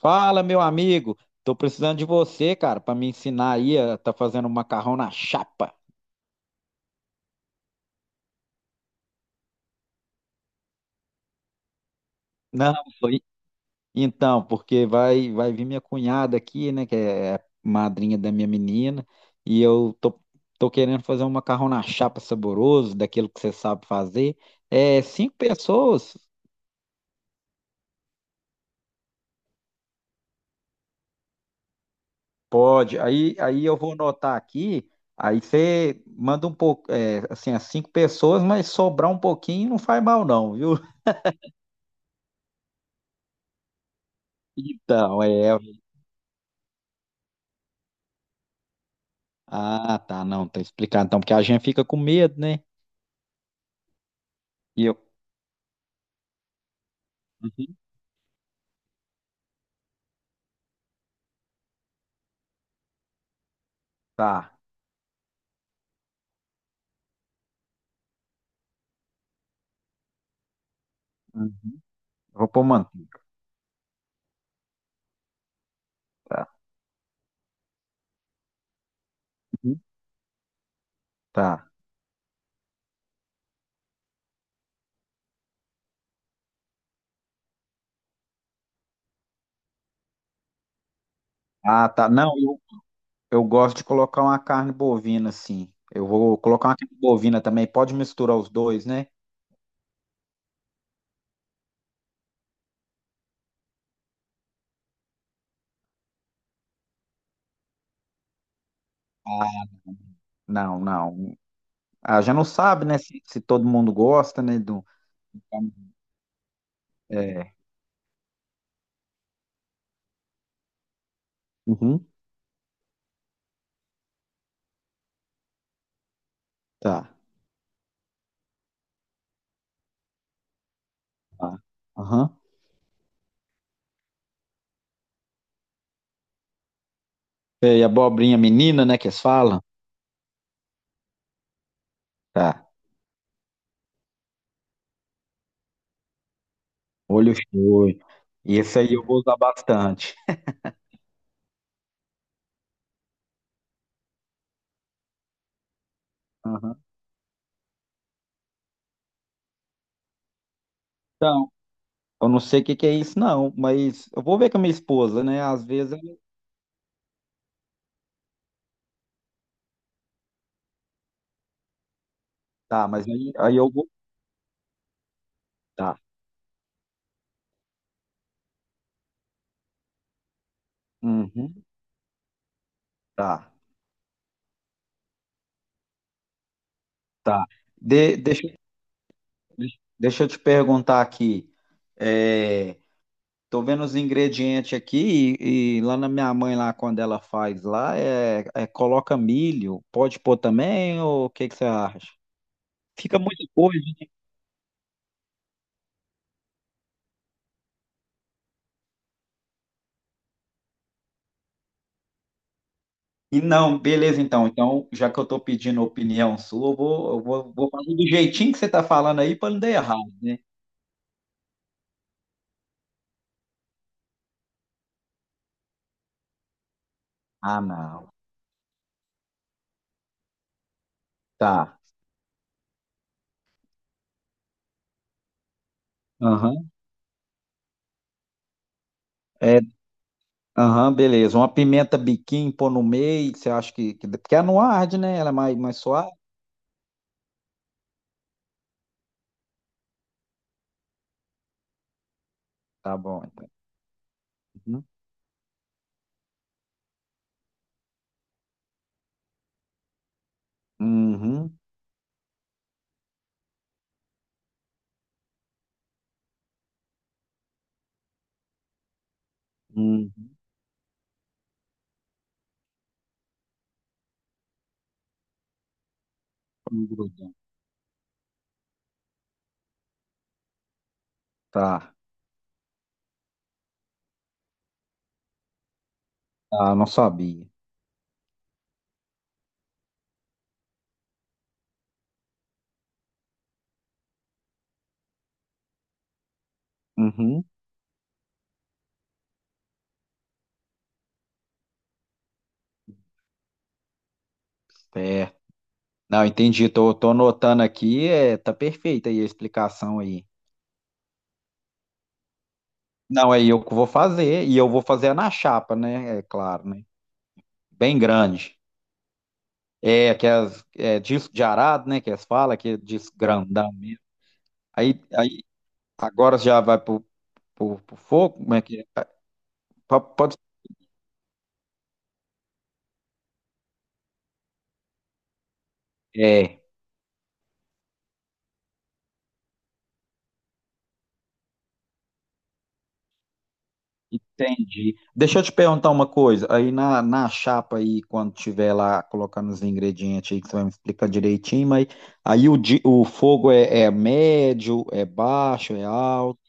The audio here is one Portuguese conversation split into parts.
Fala, meu amigo. Tô precisando de você, cara, para me ensinar aí a tá fazendo um macarrão na chapa. Não, sou i- então, porque vai vir minha cunhada aqui, né, que é madrinha da minha menina, e eu tô querendo fazer um macarrão na chapa saboroso, daquilo que você sabe fazer. É, cinco pessoas. Pode. Aí eu vou anotar aqui. Aí você manda um pouco, é, assim, as cinco pessoas, mas sobrar um pouquinho não faz mal não, viu? Então, é. Ah, tá, não, tá explicado. Então, porque a gente fica com medo, né? E eu. Uhum. Tá. Uhum. Vou pôr manteiga. Tá. Uhum. Tá. Ah, tá. Não, eu gosto de colocar uma carne bovina, sim. Eu vou colocar uma carne bovina também. Pode misturar os dois, né? Ah, não, não. Ah, já não sabe, né? Se todo mundo gosta, né? Do... É. Uhum. Tá. Tá. Aham. E abobrinha menina, né? Que eles falam? Tá. Olho cheio. Esse aí eu vou usar bastante. Aham. Eu não sei o que que é isso, não, mas eu vou ver com a minha esposa, né? Às vezes ela tá, mas aí, aí eu vou. Tá. Uhum, tá, tá. Deixa, deixa eu te perguntar aqui. É, tô vendo os ingredientes aqui e lá na minha mãe, lá quando ela faz lá, é, é coloca milho. Pode pôr também, ou o que que você acha? Fica muita coisa. E não, beleza, então. Então, já que eu tô pedindo a opinião sua, eu vou fazer do jeitinho que você tá falando aí para não dar errado, né? Ah, não. Tá. Aham. É, aham, beleza. Uma pimenta biquinho, pôr no meio, que você acha que, que. Porque ela não arde, né? Ela é mais, mais suave. Tá bom, então. Uhum. Uhum. Uhum. Pra não grudar. Tá. Ah, não sabia. Uhum. Certo. Não, entendi. Tô anotando aqui. É, tá perfeita aí a explicação aí. Não, aí eu que vou fazer. E eu vou fazer na chapa, né? É claro, né? Bem grande. É, que as, é disco de arado, né? Que eles falam, que é disco grandão mesmo. Aí agora já vai pro, pro fogo? Como é que é? Pode, é, entendi. Deixa eu te perguntar uma coisa. Aí na, na chapa aí, quando tiver lá colocando os ingredientes aí, que você vai me explicar direitinho, mas aí o, o fogo é, é médio, é baixo, é alto.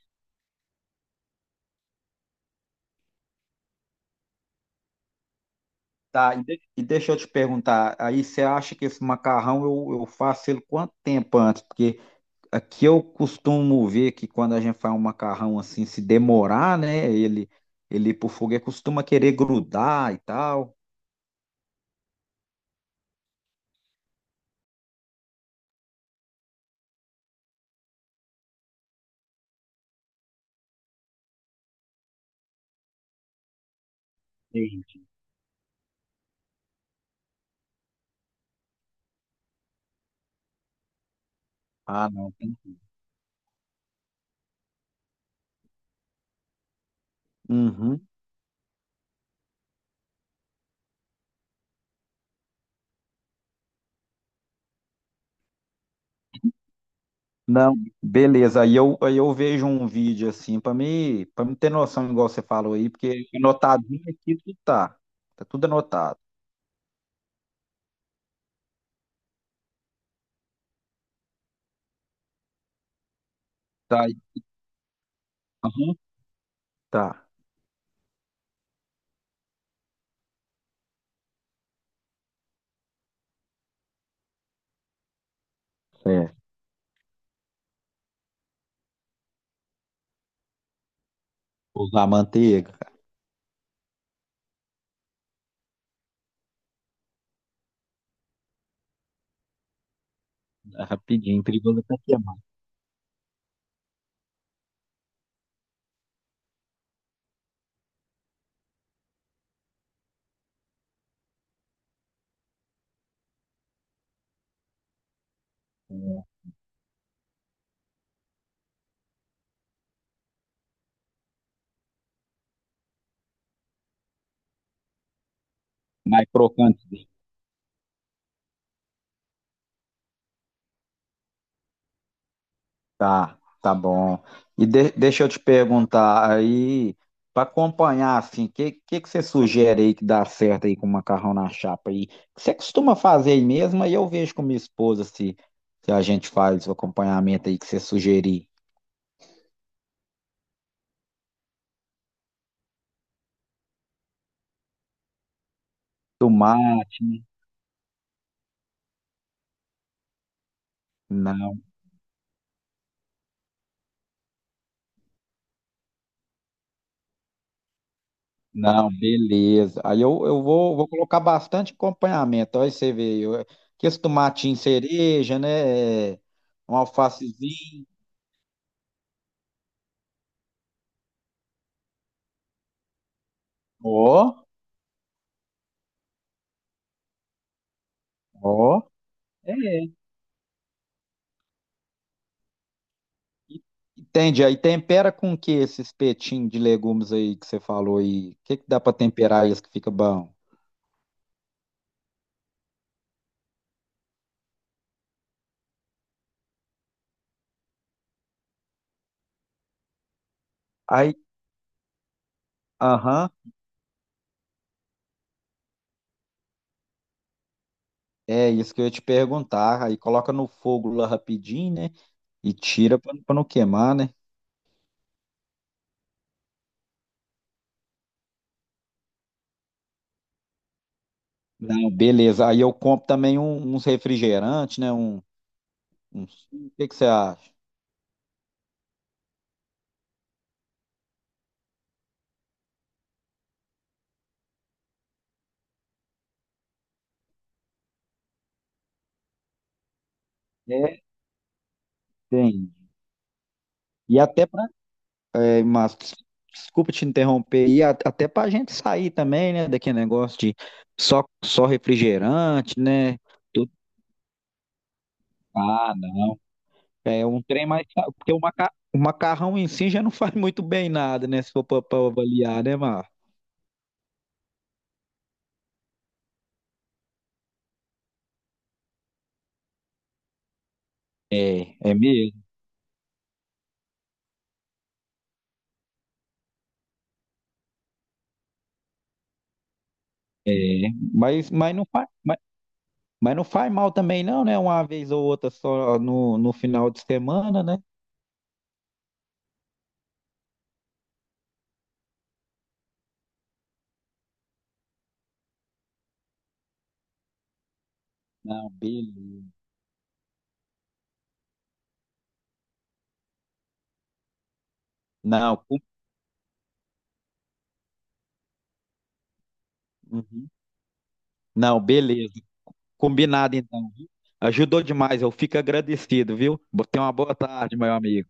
Tá, e, e deixa eu te perguntar, aí você acha que esse macarrão eu faço ele quanto tempo antes? Porque aqui eu costumo ver que quando a gente faz um macarrão assim, se demorar, né? Ele pro foguete costuma querer grudar e tal. Sim. Ah, não. tem- Uhum. Não, beleza. Aí eu vejo um vídeo assim para me ter noção, igual você falou aí, porque anotadinho aqui tudo tá. Tá tudo anotado. Tá aí. Uhum. Tá. É. Usar manteiga. Rapidinho, perigoso até queimar. É. Mais crocante. Tá, tá bom. E deixa eu te perguntar aí, para acompanhar assim, o que, que você sugere aí que dá certo aí com macarrão na chapa aí? Você costuma fazer aí mesmo? Aí eu vejo com minha esposa se a gente faz o acompanhamento aí que você sugerir. Tomate, né? Não, não, beleza. Aí eu vou colocar bastante acompanhamento. Aí você vê, eu, que esse tomatinho cereja, né? É, um alfacezinho. Ó, ó. É. Entende? Aí tempera com o que esse espetinho de legumes aí que você falou aí? O que que dá pra temperar isso que fica bom? Aí, aham, é isso que eu ia te perguntar. Aí coloca no fogo lá rapidinho, né? E tira pra pra não queimar, né? Não, beleza. Aí eu compro também um- uns refrigerantes, né? Um... O que que você acha? É, tem. E até pra. É, mas desculpa te interromper. E até pra gente sair também, né? Daquele negócio de só refrigerante, né? Ah, não. É um trem mais. Porque o, maca... o macarrão em si já não faz muito bem nada, né? Se for para avaliar, né, Mar? É, é mesmo. É. Mas, mas, não faz, mas, mas não faz mal também, não, né? Uma vez ou outra só no, no final de semana, né? Não, beleza. Não, com- uhum. Não, beleza. Combinado então, viu? Ajudou demais, eu fico agradecido, viu? Tenha uma boa tarde, meu amigo.